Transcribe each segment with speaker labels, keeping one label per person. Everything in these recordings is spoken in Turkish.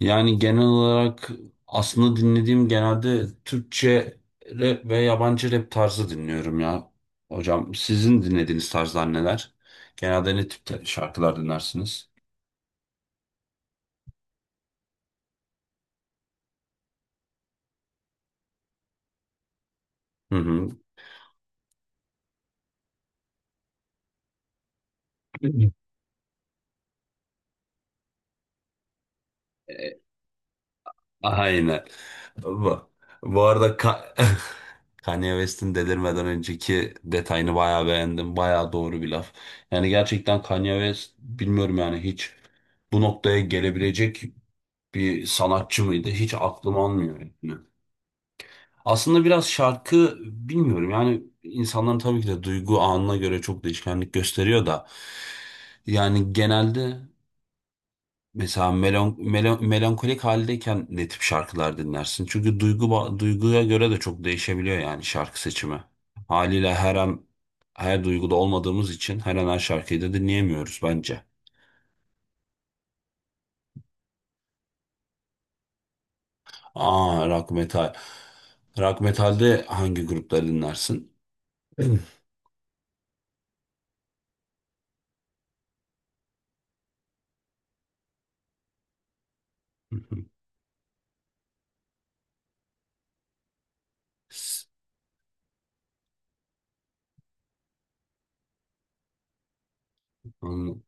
Speaker 1: Yani genel olarak aslında dinlediğim genelde Türkçe rap ve yabancı rap tarzı dinliyorum ya. Hocam sizin dinlediğiniz tarzlar neler? Genelde ne tip şarkılar dinlersiniz? Hı hı. E, Aynen. Bu, bu arada Kanye West'in delirmeden önceki detayını bayağı beğendim. Bayağı doğru bir laf. Yani gerçekten Kanye West bilmiyorum yani hiç bu noktaya gelebilecek bir sanatçı mıydı? Hiç aklım almıyor etmiyor. Aslında biraz şarkı bilmiyorum yani insanların tabii ki de duygu anına göre çok değişkenlik gösteriyor da yani genelde mesela melankolik haldeyken ne tip şarkılar dinlersin? Çünkü duygu duyguya göre de çok değişebiliyor yani şarkı seçimi. Haliyle her an her duyguda olmadığımız için her an her şarkıyı da dinleyemiyoruz bence. Aa, rock metal. Rock metalde hangi grupları dinlersin? Hı hı. Anladım.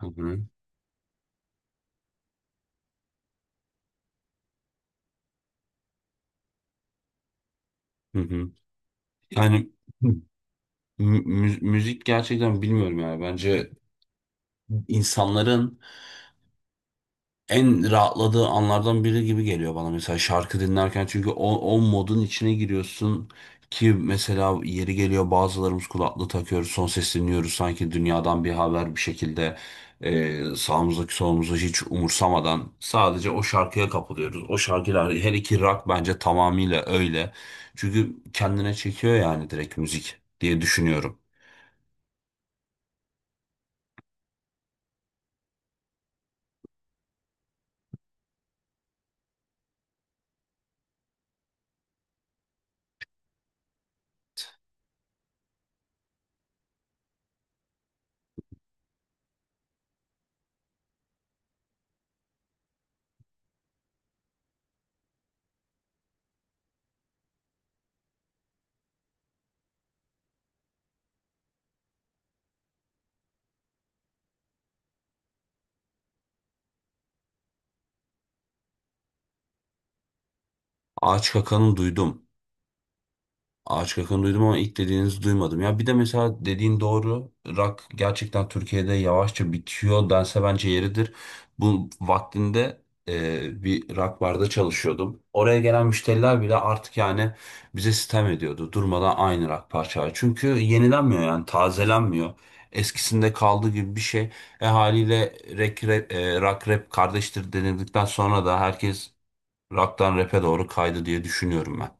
Speaker 1: Hı hı. Hı hı. Yani müzik gerçekten bilmiyorum yani. Bence insanların en rahatladığı anlardan biri gibi geliyor bana mesela şarkı dinlerken çünkü o modun içine giriyorsun ki mesela yeri geliyor bazılarımız kulaklığı takıyoruz son ses dinliyoruz sanki dünyadan bir haber bir şekilde, sağımızdaki solumuzu hiç umursamadan sadece o şarkıya kapılıyoruz. O şarkılar her iki rock bence tamamıyla öyle çünkü kendine çekiyor yani direkt müzik diye düşünüyorum. Ağaç Kaka'nın duydum. Ağaç Kakan'ı duydum ama ilk dediğinizi duymadım. Ya bir de mesela dediğin doğru. Rock gerçekten Türkiye'de yavaşça bitiyor dense bence yeridir. Bu vaktinde bir rock barda çalışıyordum. Oraya gelen müşteriler bile artık yani bize sitem ediyordu. Durmadan aynı rock parçayı. Çünkü yenilenmiyor yani tazelenmiyor. Eskisinde kaldığı gibi bir şey. E haliyle rock rap kardeştir denildikten sonra da herkes rock'tan rap'e doğru kaydı diye düşünüyorum ben.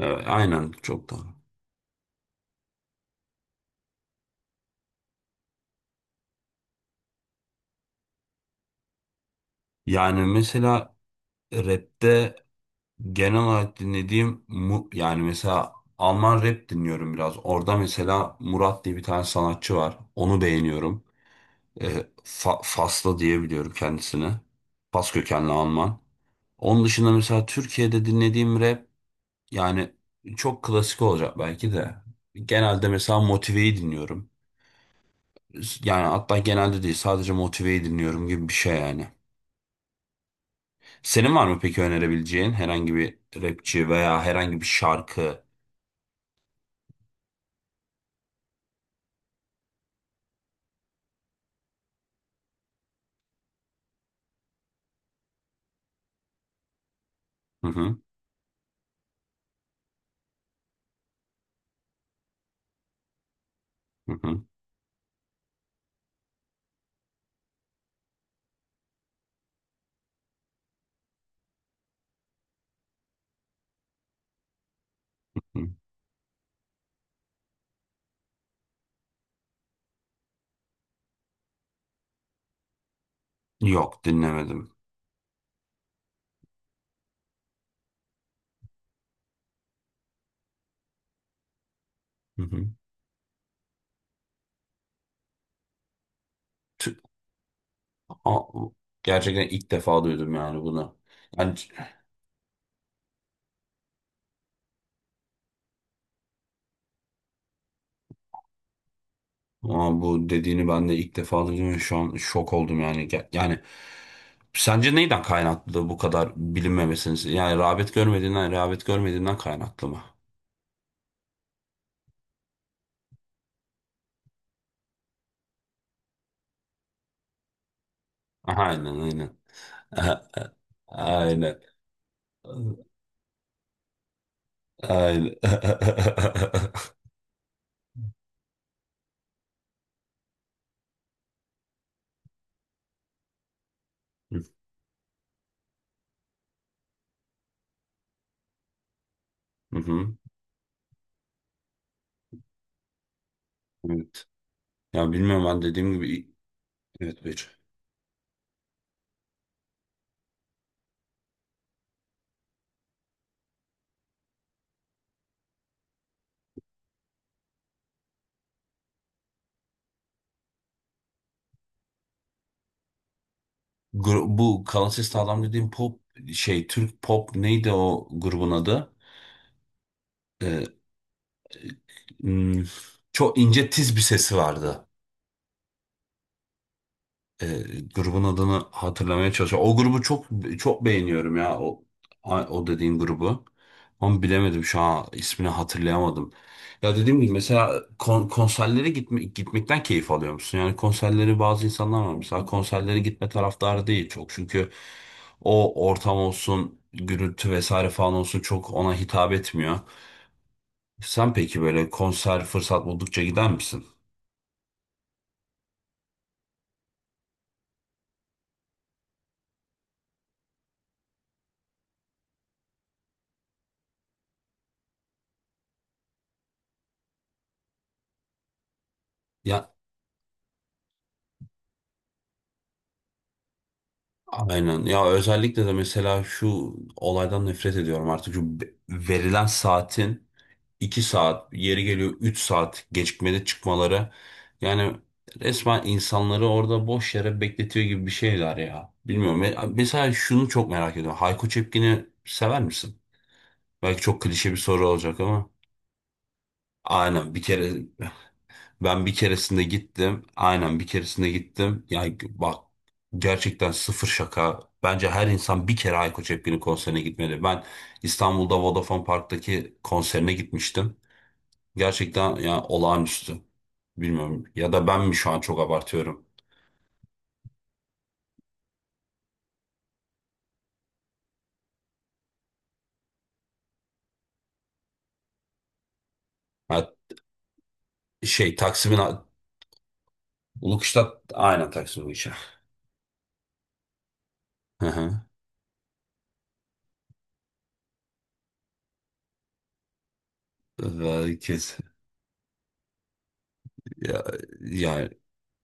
Speaker 1: Evet, aynen, çok doğru. Yani mesela rapte genel olarak dinlediğim yani mesela Alman rap dinliyorum biraz. Orada mesela Murat diye bir tane sanatçı var. Onu beğeniyorum. E, Faslı diyebiliyorum kendisini. Fas kökenli Alman. Onun dışında mesela Türkiye'de dinlediğim rap yani çok klasik olacak belki de. Genelde mesela Motive'yi dinliyorum. Yani hatta genelde değil, sadece Motive'yi dinliyorum gibi bir şey yani. Senin var mı peki önerebileceğin herhangi bir rapçi veya herhangi bir şarkı? Hı hı. Hı hı. Hı. Yok, dinlemedim. Hı hı. Tü- Aa, gerçekten ilk defa duydum yani bunu. Yani, aa, bu dediğini ben de ilk defa duydum ve şu an şok oldum yani. Yani sence neyden kaynaklı bu kadar bilinmemesiniz? Yani rağbet görmediğinden, rağbet görmediğinden kaynaklı mı? Aha, aynen aynen. Aynen. Aynen. Hı hı. Evet. Ya bilmiyorum, ben dediğim gibi, evet bir. Bu Kalates adam dediğim pop, şey, Türk pop neydi o grubun adı? Ee, hmm, çok ince tiz bir sesi vardı. E, grubun adını hatırlamaya çalışıyorum. O grubu çok çok beğeniyorum ya. O dediğin grubu. Ama bilemedim, şu an ismini hatırlayamadım. Ya dediğim gibi mesela konserlere gitmekten keyif alıyor musun? Yani konserleri bazı insanlar var. Mesela konserlere gitme taraftarı değil çok. Çünkü o ortam olsun, gürültü vesaire falan olsun çok ona hitap etmiyor. Sen peki böyle konser fırsat buldukça gider misin? Ya, aynen. Ya özellikle de mesela şu olaydan nefret ediyorum artık. Şu verilen saatin 2 saat, yeri geliyor 3 saat gecikmede çıkmaları. Yani resmen insanları orada boş yere bekletiyor gibi bir şeyler ya. Bilmiyorum. Mesela şunu çok merak ediyorum. Hayko Cepkin'i sever misin? Belki çok klişe bir soru olacak ama. Aynen, bir kere ben bir keresinde gittim. Aynen bir keresinde gittim. Yani bak, gerçekten sıfır şaka. Bence her insan bir kere Ayko Cepkin'in konserine gitmeli. Ben İstanbul'da Vodafone Park'taki konserine gitmiştim. Gerçekten yani olağanüstü. Bilmiyorum, ya da ben mi şu an çok abartıyorum? Ha, şey, Taksim'in Ulukış'ta, aynen, Taksim Ulukış'a. Hı hı. Belki, ya, ya,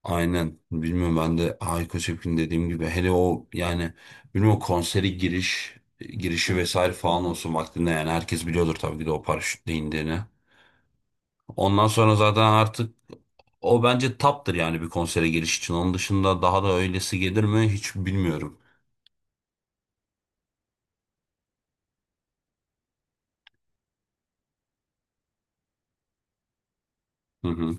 Speaker 1: aynen. Bilmiyorum, ben de Hayko Cepkin dediğim gibi hele o yani bilmiyorum konseri giriş girişi vesaire falan olsun vaktinde yani herkes biliyordur tabii ki de o paraşütle indiğini. Ondan sonra zaten artık o bence taptır yani bir konsere giriş için. Onun dışında daha da öylesi gelir mi hiç bilmiyorum. Hı hı.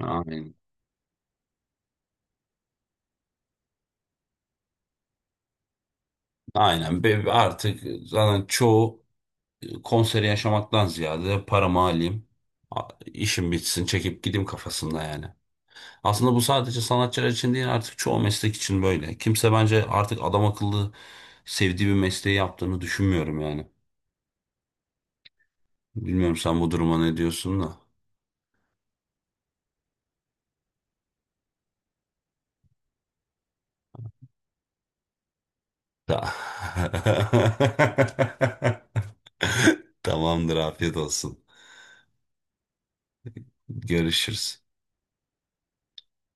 Speaker 1: Aynen. Aynen. Artık zaten çoğu konseri yaşamaktan ziyade paramı alayım, işim bitsin çekip gideyim kafasında yani. Aslında bu sadece sanatçılar için değil, artık çoğu meslek için böyle. Kimse bence artık adam akıllı sevdiği bir mesleği yaptığını düşünmüyorum yani. Bilmiyorum sen bu duruma ne diyorsun da. Ta- Tamamdır, afiyet olsun. Görüşürüz.